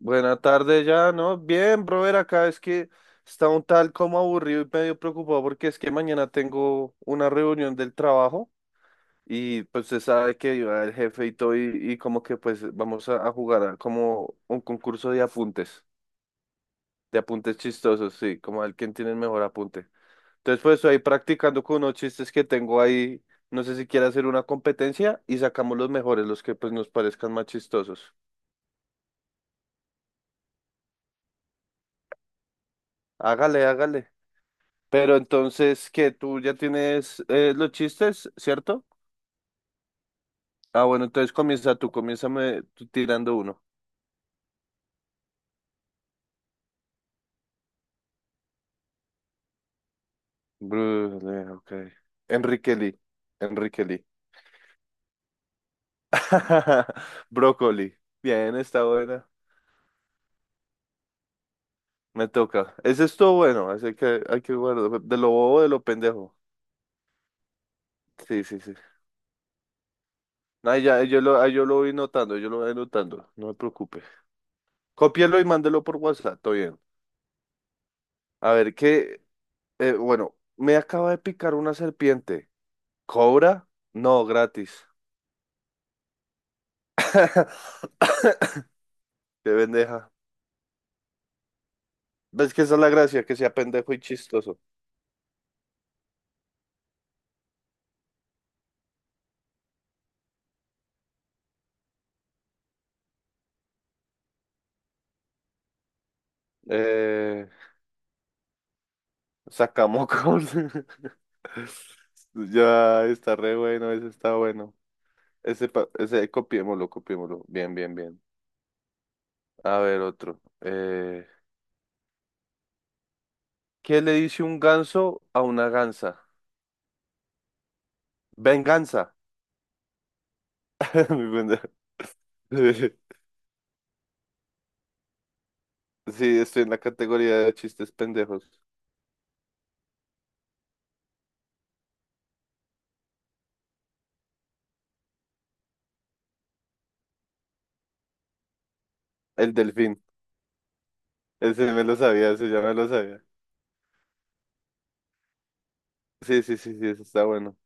Buena tarde ya, ¿no? Bien, brother, acá es que está un tal como aburrido y medio preocupado porque es que mañana tengo una reunión del trabajo y pues se sabe que iba el jefe y todo y como que pues vamos a jugar a como un concurso de apuntes chistosos, sí, como el quien tiene el mejor apunte. Entonces pues estoy ahí practicando con unos chistes que tengo ahí, no sé si quiere hacer una competencia y sacamos los mejores, los que pues nos parezcan más chistosos. Hágale, hágale. Pero entonces, que tú ya tienes los chistes, ¿cierto? Ah, bueno, entonces comienza tú, comiénzame tú tirando uno. Brule, ok. Enrique Lee, Enrique Lee. Brócoli. Bien, está buena. Me toca. Ese estuvo bueno, así que hay que guardar. De lo bobo, de lo pendejo. Sí, sí, sí. Ay, ya, yo lo voy notando, yo lo voy notando, no me preocupe. Cópielo y mándelo por WhatsApp, todo bien. A ver, qué, bueno, me acaba de picar una serpiente. ¿Cobra? No, gratis. Qué pendeja. ¿Ves que esa es la gracia? Que sea pendejo y chistoso. Eh, sacamos. Ya está re bueno, ese está bueno. Ese, ese copiémoslo, copiémoslo. Bien, bien, bien. A ver, otro. ¿Qué le dice un ganso a una gansa? Venganza. Muy pendejo. Sí, estoy en la categoría de chistes pendejos. El delfín. Ese me lo sabía, ese ya me lo sabía. Sí, sí, sí, sí, eso está bueno.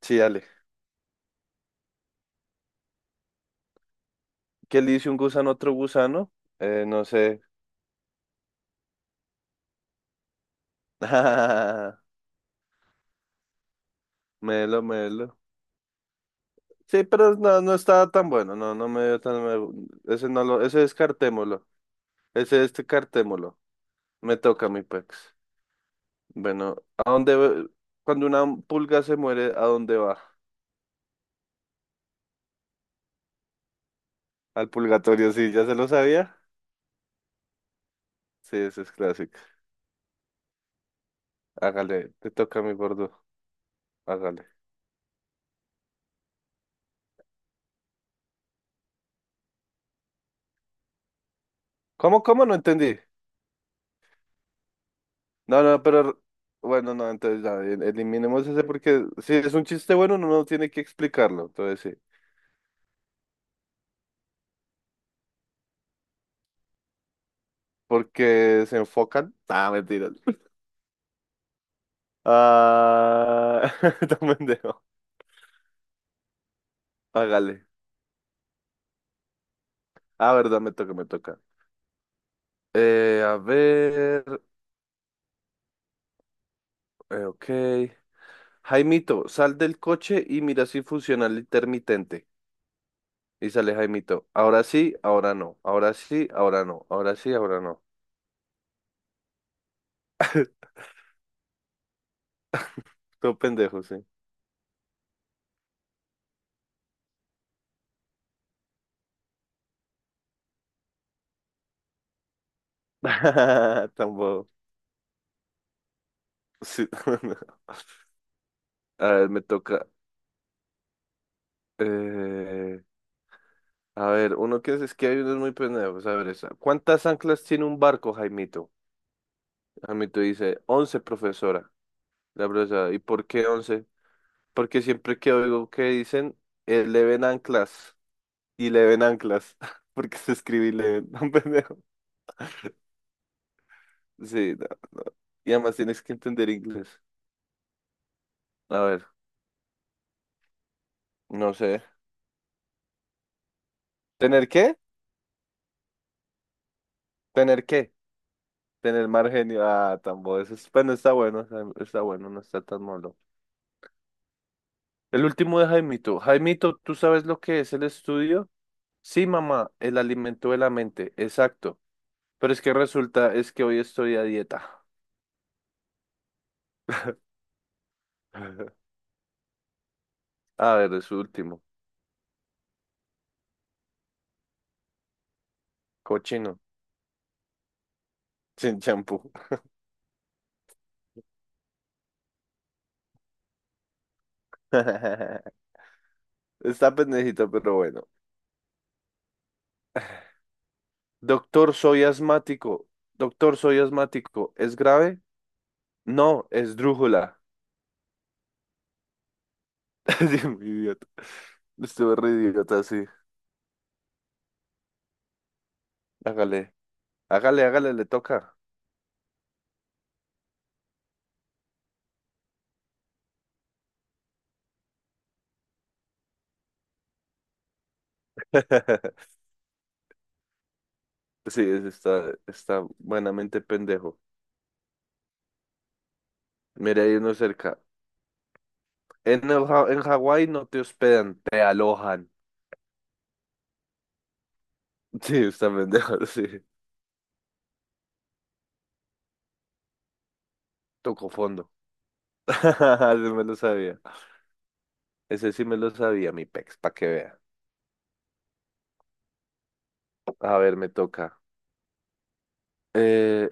Sí, dale. ¿Qué le dice un gusano a otro gusano? No sé. Melo, melo. Sí, pero no, no estaba tan bueno. No, no me dio tan. Ese no lo. Ese descartémoslo. Ese descartémoslo. Me toca mi pex. Bueno, ¿a dónde. ve- Cuando una pulga se muere, ¿a dónde va? Al purgatorio, sí, ¿ya se lo sabía? Sí, ese es clásico. Hágale, te toca mi gordo. Hágale. ¿Cómo, cómo? No entendí. No, no, pero bueno, no, entonces ya, eliminemos ese porque si es un chiste bueno, uno no tiene que explicarlo, entonces sí, porque se enfocan. Ah, mentiras. Ah, no, pendejo. Hágale. Ah, verdad, me toca, me toca. A ver, ok. Jaimito, sal del coche y mira si funciona el intermitente. Y sale Jaimito. Ahora sí, ahora no. Ahora sí, ahora no. Ahora sí, ahora no. Todo pendejo, sí. Tampoco. Sí. A ver, me toca. eh, a ver, uno que es que hay unos muy pendejos. A ver, esa. ¿Cuántas anclas tiene un barco, Jaimito? Jaimito dice, once, profesora. La profesora, ¿y por qué once? Porque siempre que oigo que dicen, le ven anclas y le ven anclas. Porque se escribe y le ven, un pendejo. Sí, no. Y además tienes que entender inglés. A ver, no sé. ¿Tener qué? ¿Tener qué? Tener margen. Ah, tambo. Eso es, bueno, está está bueno, no está tan malo. El último de Jaimito. Jaimito, ¿tú sabes lo que es el estudio? Sí, mamá, el alimento de la mente, exacto. Pero es que resulta, es que hoy estoy a dieta. A ver, es su último. Cochino, sin champú. Está pendejito, pero bueno. Doctor, soy asmático. Doctor, soy asmático. ¿Es grave? No, es drújula. Sí, muy idiota. Estuve re idiota, sí. Hágale. Hágale, hágale, le toca. Sí, está, está buenamente pendejo. Mira, hay uno cerca. En, en Hawái no te hospedan, te alojan. Sí, está pendejo, sí. Tocó fondo. Ese me lo sabía. Ese sí me lo sabía, mi pex, para que vea. A ver, me toca. Eh,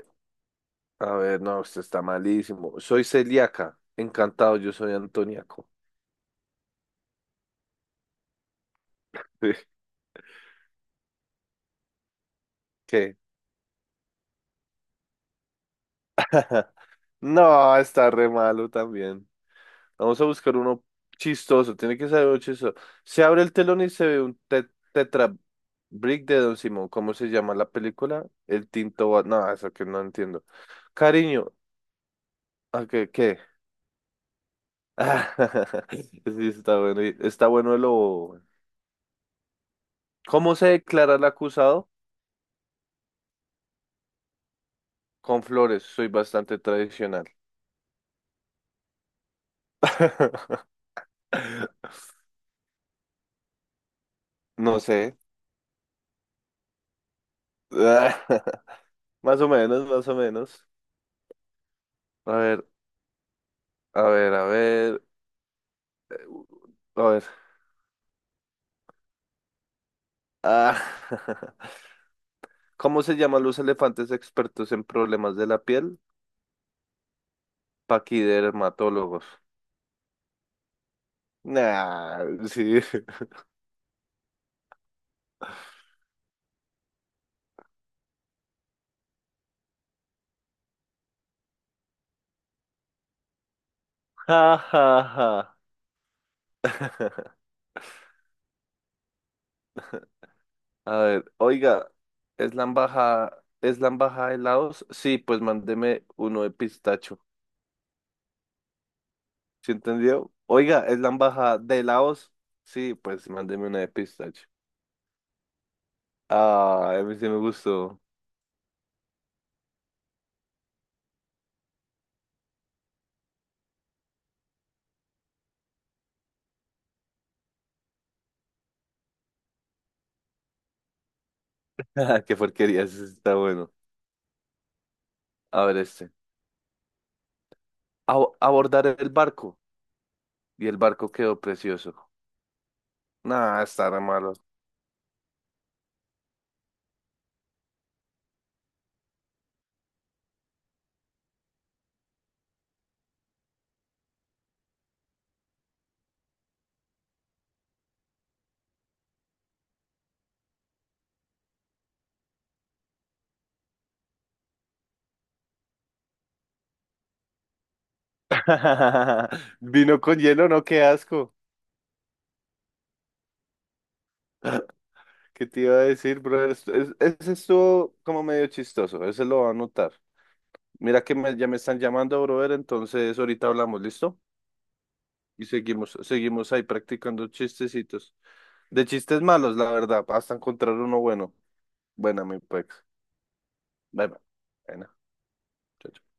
a ver, no, esto está malísimo. Soy celíaca. Encantado, yo soy antoniaco. ¿Qué? No, está re malo también. Vamos a buscar uno chistoso, tiene que ser uno chistoso. Se abre el telón y se ve un tetra brick de Don Simón. ¿Cómo se llama la película? El Tinto Bat. No, eso que no entiendo. Cariño, ¿a qué, qué? Sí, está bueno. Está bueno lo. Bobo. ¿Cómo se declara el acusado? Con flores, soy bastante tradicional. No sé. Más o menos, más o menos. A ver, a ver, a ver, a ver. Ah. ¿Cómo se llaman los elefantes expertos en problemas de la piel? Paquidermatólogos. Nah, sí. Ja, ja, ja. A ver, oiga, ¿es la embajada de Laos? Sí, pues mándeme uno de pistacho. ¿Sí entendió? Oiga, ¿es la embajada de Laos? Sí, pues mándeme una de pistacho. Ah, a mí sí me gustó. Qué porquería, ese sí está bueno. A ver este. Abordar el barco. Y el barco quedó precioso. Nah, está re malo. Vino con hielo, no, qué asco. ¿Qué te iba a decir, brother? Ese estuvo como medio chistoso, ese lo va a notar. Mira que ya me están llamando, brother, entonces ahorita hablamos, ¿listo? Y seguimos, seguimos ahí practicando chistecitos. De chistes malos, la verdad, hasta encontrar uno bueno. Buena, mi pex. Bye, bye. Bueno, chao,